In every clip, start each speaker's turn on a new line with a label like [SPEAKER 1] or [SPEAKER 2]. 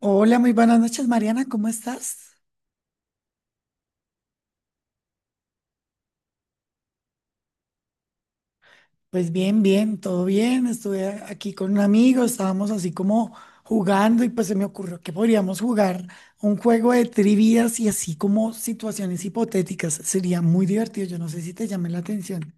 [SPEAKER 1] Hola, muy buenas noches, Mariana, ¿cómo estás? Pues bien, bien, todo bien. Aquí con un amigo, estábamos así como jugando y pues se me ocurrió que podríamos jugar un juego de trivias y así como situaciones hipotéticas. Sería muy divertido, yo no sé si te llame la atención.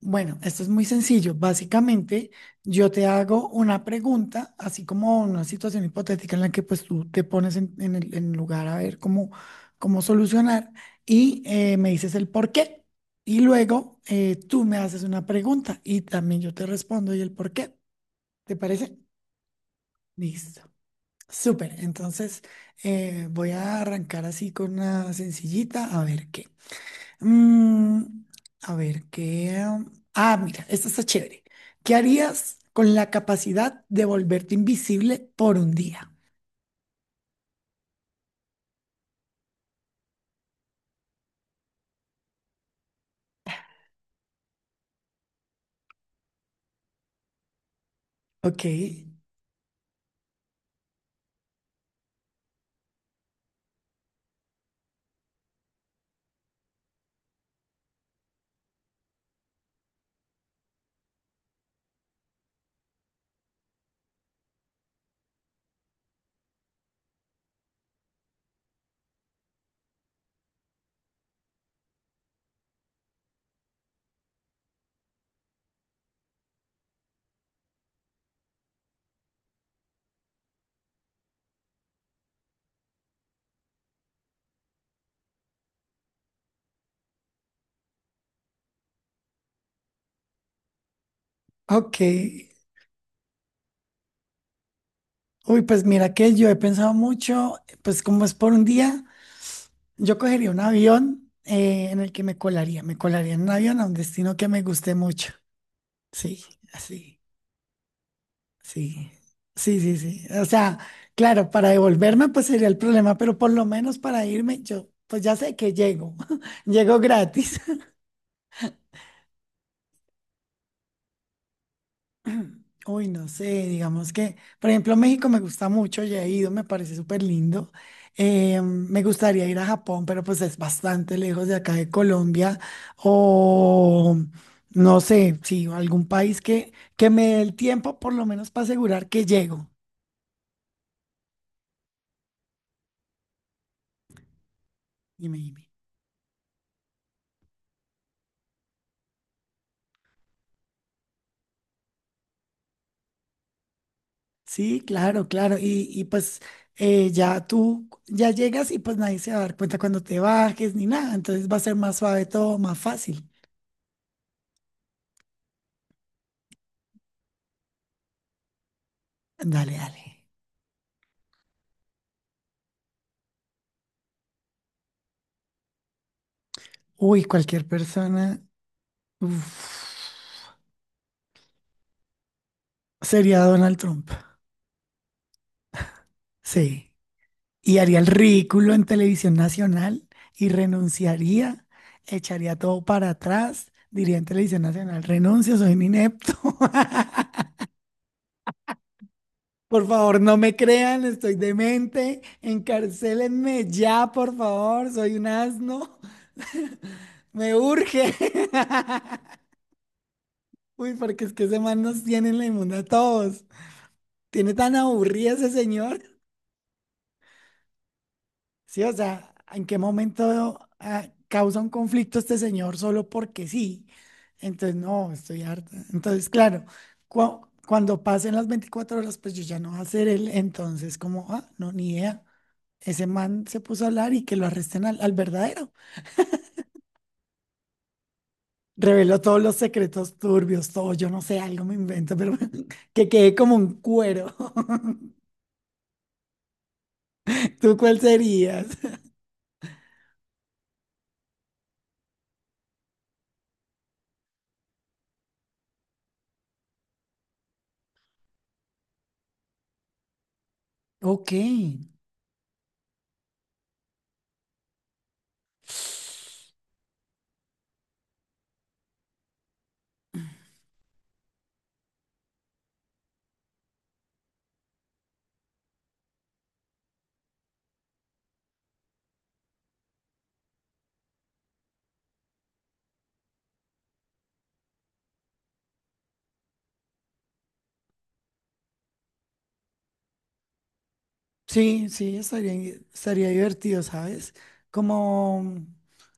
[SPEAKER 1] Bueno, esto es muy sencillo. Básicamente, yo te hago una pregunta, así como una situación hipotética en la que pues tú te pones en lugar a ver cómo, cómo solucionar y me dices el por qué. Y luego tú me haces una pregunta y también yo te respondo y el por qué. ¿Te parece? Listo. Súper. Entonces, voy a arrancar así con una sencillita a ver qué. Mm, a ver, ¿qué? Ah, mira, esta está chévere. ¿Qué harías con la capacidad de volverte invisible por un día? Ok, ok. Uy, pues mira que yo he pensado mucho, pues como es por un día, yo cogería un avión en el que me colaría en un avión a un destino que me guste mucho. Sí, así. Sí, sí, sí, sí. O sea, claro, para devolverme pues sería el problema, pero por lo menos para irme yo, pues ya sé que llego, llego gratis. Uy, no sé, digamos que, por ejemplo, México me gusta mucho, ya he ido, me parece súper lindo. Me gustaría ir a Japón, pero pues es bastante lejos de acá de Colombia o no sé, sí, algún país que me dé el tiempo por lo menos para asegurar que llego. Dime, dime. Sí, claro, claro. Y pues ya tú ya llegas y pues nadie se va a dar cuenta cuando te bajes ni nada. Entonces va a ser más suave todo, más fácil. Dale, dale. Uy, cualquier persona. Uf, sería Donald Trump. Sí. Y haría el ridículo en televisión nacional y renunciaría, echaría todo para atrás, diría en televisión nacional, renuncio, soy un inepto. Por favor, no me crean, estoy demente. Encarcélenme ya, por favor. Soy un asno. Me urge. Uy, porque es que ese man nos tiene en la inmunda a todos. Tiene tan aburrida ese señor. Sí, o sea, ¿en qué momento causa un conflicto este señor solo porque sí? Entonces, no, estoy harta. Entonces, claro, cuando pasen las 24 horas, pues yo ya no voy a ser él. Entonces, como, ah, no, ni idea. Ese man se puso a hablar y que lo arresten al verdadero. Reveló todos los secretos turbios, todo, yo no sé, algo me invento, pero que quedé como un cuero. ¿Tú cuál serías? Ok, sí, sí, estaría, estaría divertido, ¿sabes? Como,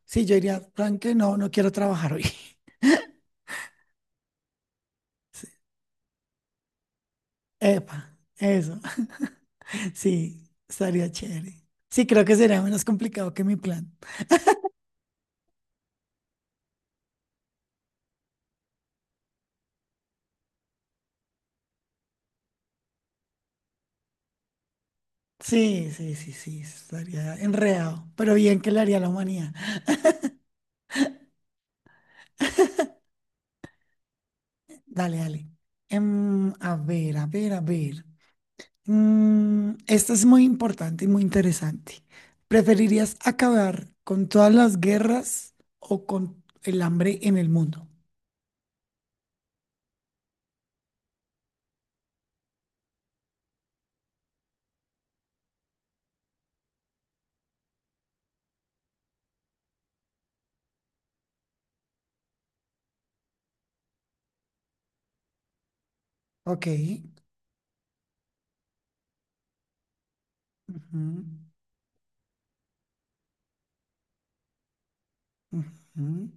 [SPEAKER 1] sí, yo diría, plan que no, no quiero trabajar hoy. Epa, eso, sí, estaría chévere. Sí, creo que sería menos complicado que mi plan. Sí, sí, sí, sí, estaría enredado, pero bien que le haría a la humanidad. Dale, dale. A ver, a ver, a ver. Esta es muy importante y muy interesante. ¿Preferirías acabar con todas las guerras o con el hambre en el mundo? Ok. Ujú, ujú,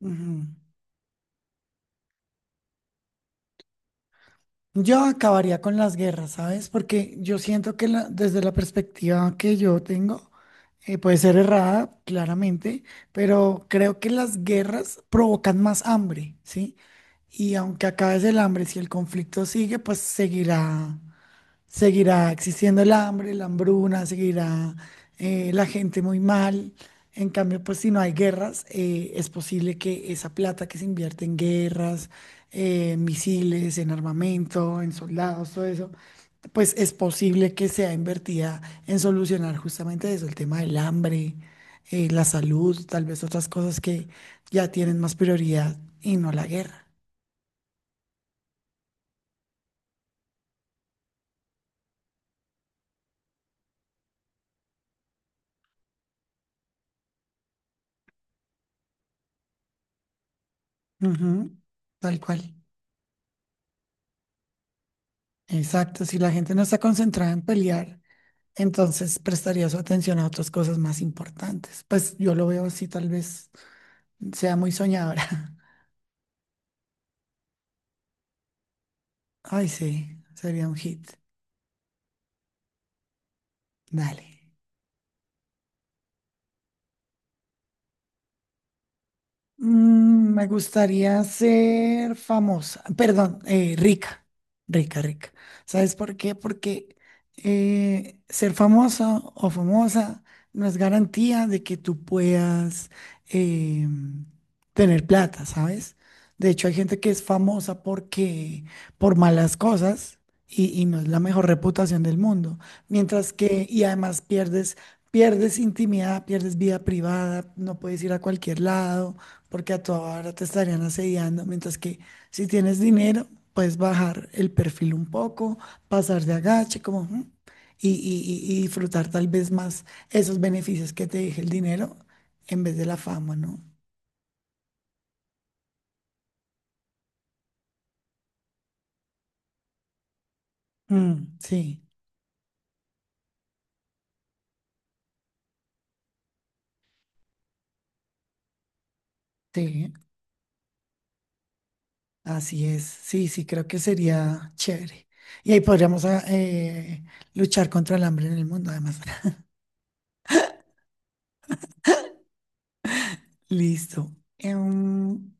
[SPEAKER 1] ujú. Yo acabaría con las guerras, ¿sabes? Porque yo siento que desde la perspectiva que yo tengo, puede ser errada, claramente, pero creo que las guerras provocan más hambre, ¿sí? Y aunque acabe el hambre, si el conflicto sigue, pues seguirá, seguirá existiendo el hambre, la hambruna, seguirá la gente muy mal. En cambio, pues si no hay guerras, es posible que esa plata que se invierte en guerras, en misiles, en armamento, en soldados, todo eso, pues es posible que sea invertida en solucionar justamente eso, el tema del hambre, la salud, tal vez otras cosas que ya tienen más prioridad y no la guerra. Ujú, tal cual. Exacto. Si la gente no está concentrada en pelear, entonces prestaría su atención a otras cosas más importantes. Pues yo lo veo así, tal vez sea muy soñadora. Ay, sí, sería un hit. Dale. Me gustaría ser famosa, perdón, rica, rica, rica. ¿Sabes por qué? Porque ser famoso o famosa no es garantía de que tú puedas eh, tener plata, ¿sabes? De hecho, hay gente que es famosa porque por malas cosas y no es la mejor reputación del mundo. Mientras que, y además pierdes, pierdes intimidad, pierdes vida privada, no puedes ir a cualquier lado porque a toda hora te estarían asediando, mientras que si tienes dinero, puedes bajar el perfil un poco, pasar de agache, como, ujú, y disfrutar tal vez más esos beneficios que te deje el dinero en vez de la fama, ¿no? Sí, sí, así es, sí, sí, creo que sería chévere. Y ahí podríamos luchar contra el hambre en el mundo, además. Listo. Em,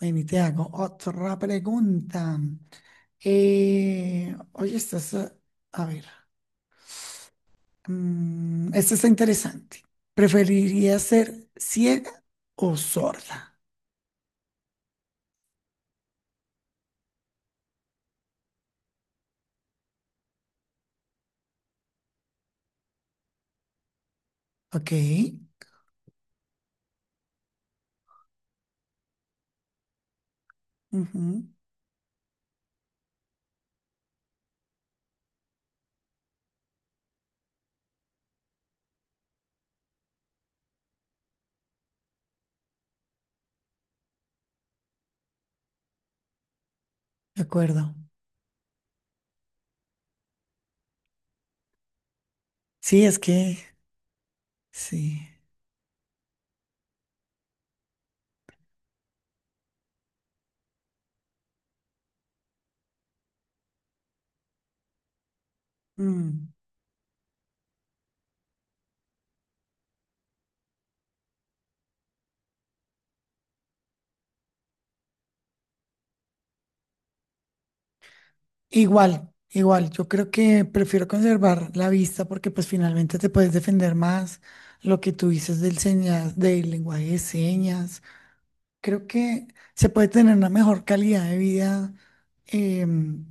[SPEAKER 1] ven y te hago otra pregunta. Oye, a ver. Esta está interesante. ¿Preferiría ser ciega o sorda? Ok. Ujú, de acuerdo. Sí, es que sí. mm, Igual, igual. Yo creo que prefiero conservar la vista porque pues finalmente te puedes defender más. Lo que tú dices del señas, del lenguaje de señas. Creo que se puede tener una mejor calidad de vida em,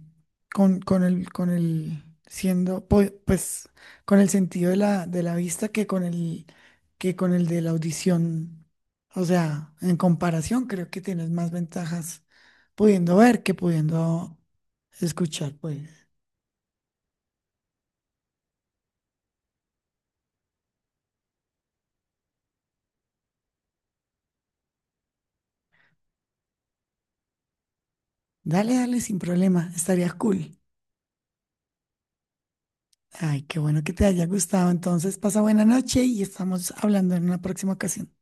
[SPEAKER 1] con el, pues, con el sentido de la vista que con el de la audición. O sea, en comparación, creo que tienes más ventajas pudiendo ver que pudiendo escuchar, pues. Dale, dale, sin problema, estaría cool. Ay, qué bueno que te haya gustado. Entonces, pasa buena noche y estamos hablando en una próxima ocasión.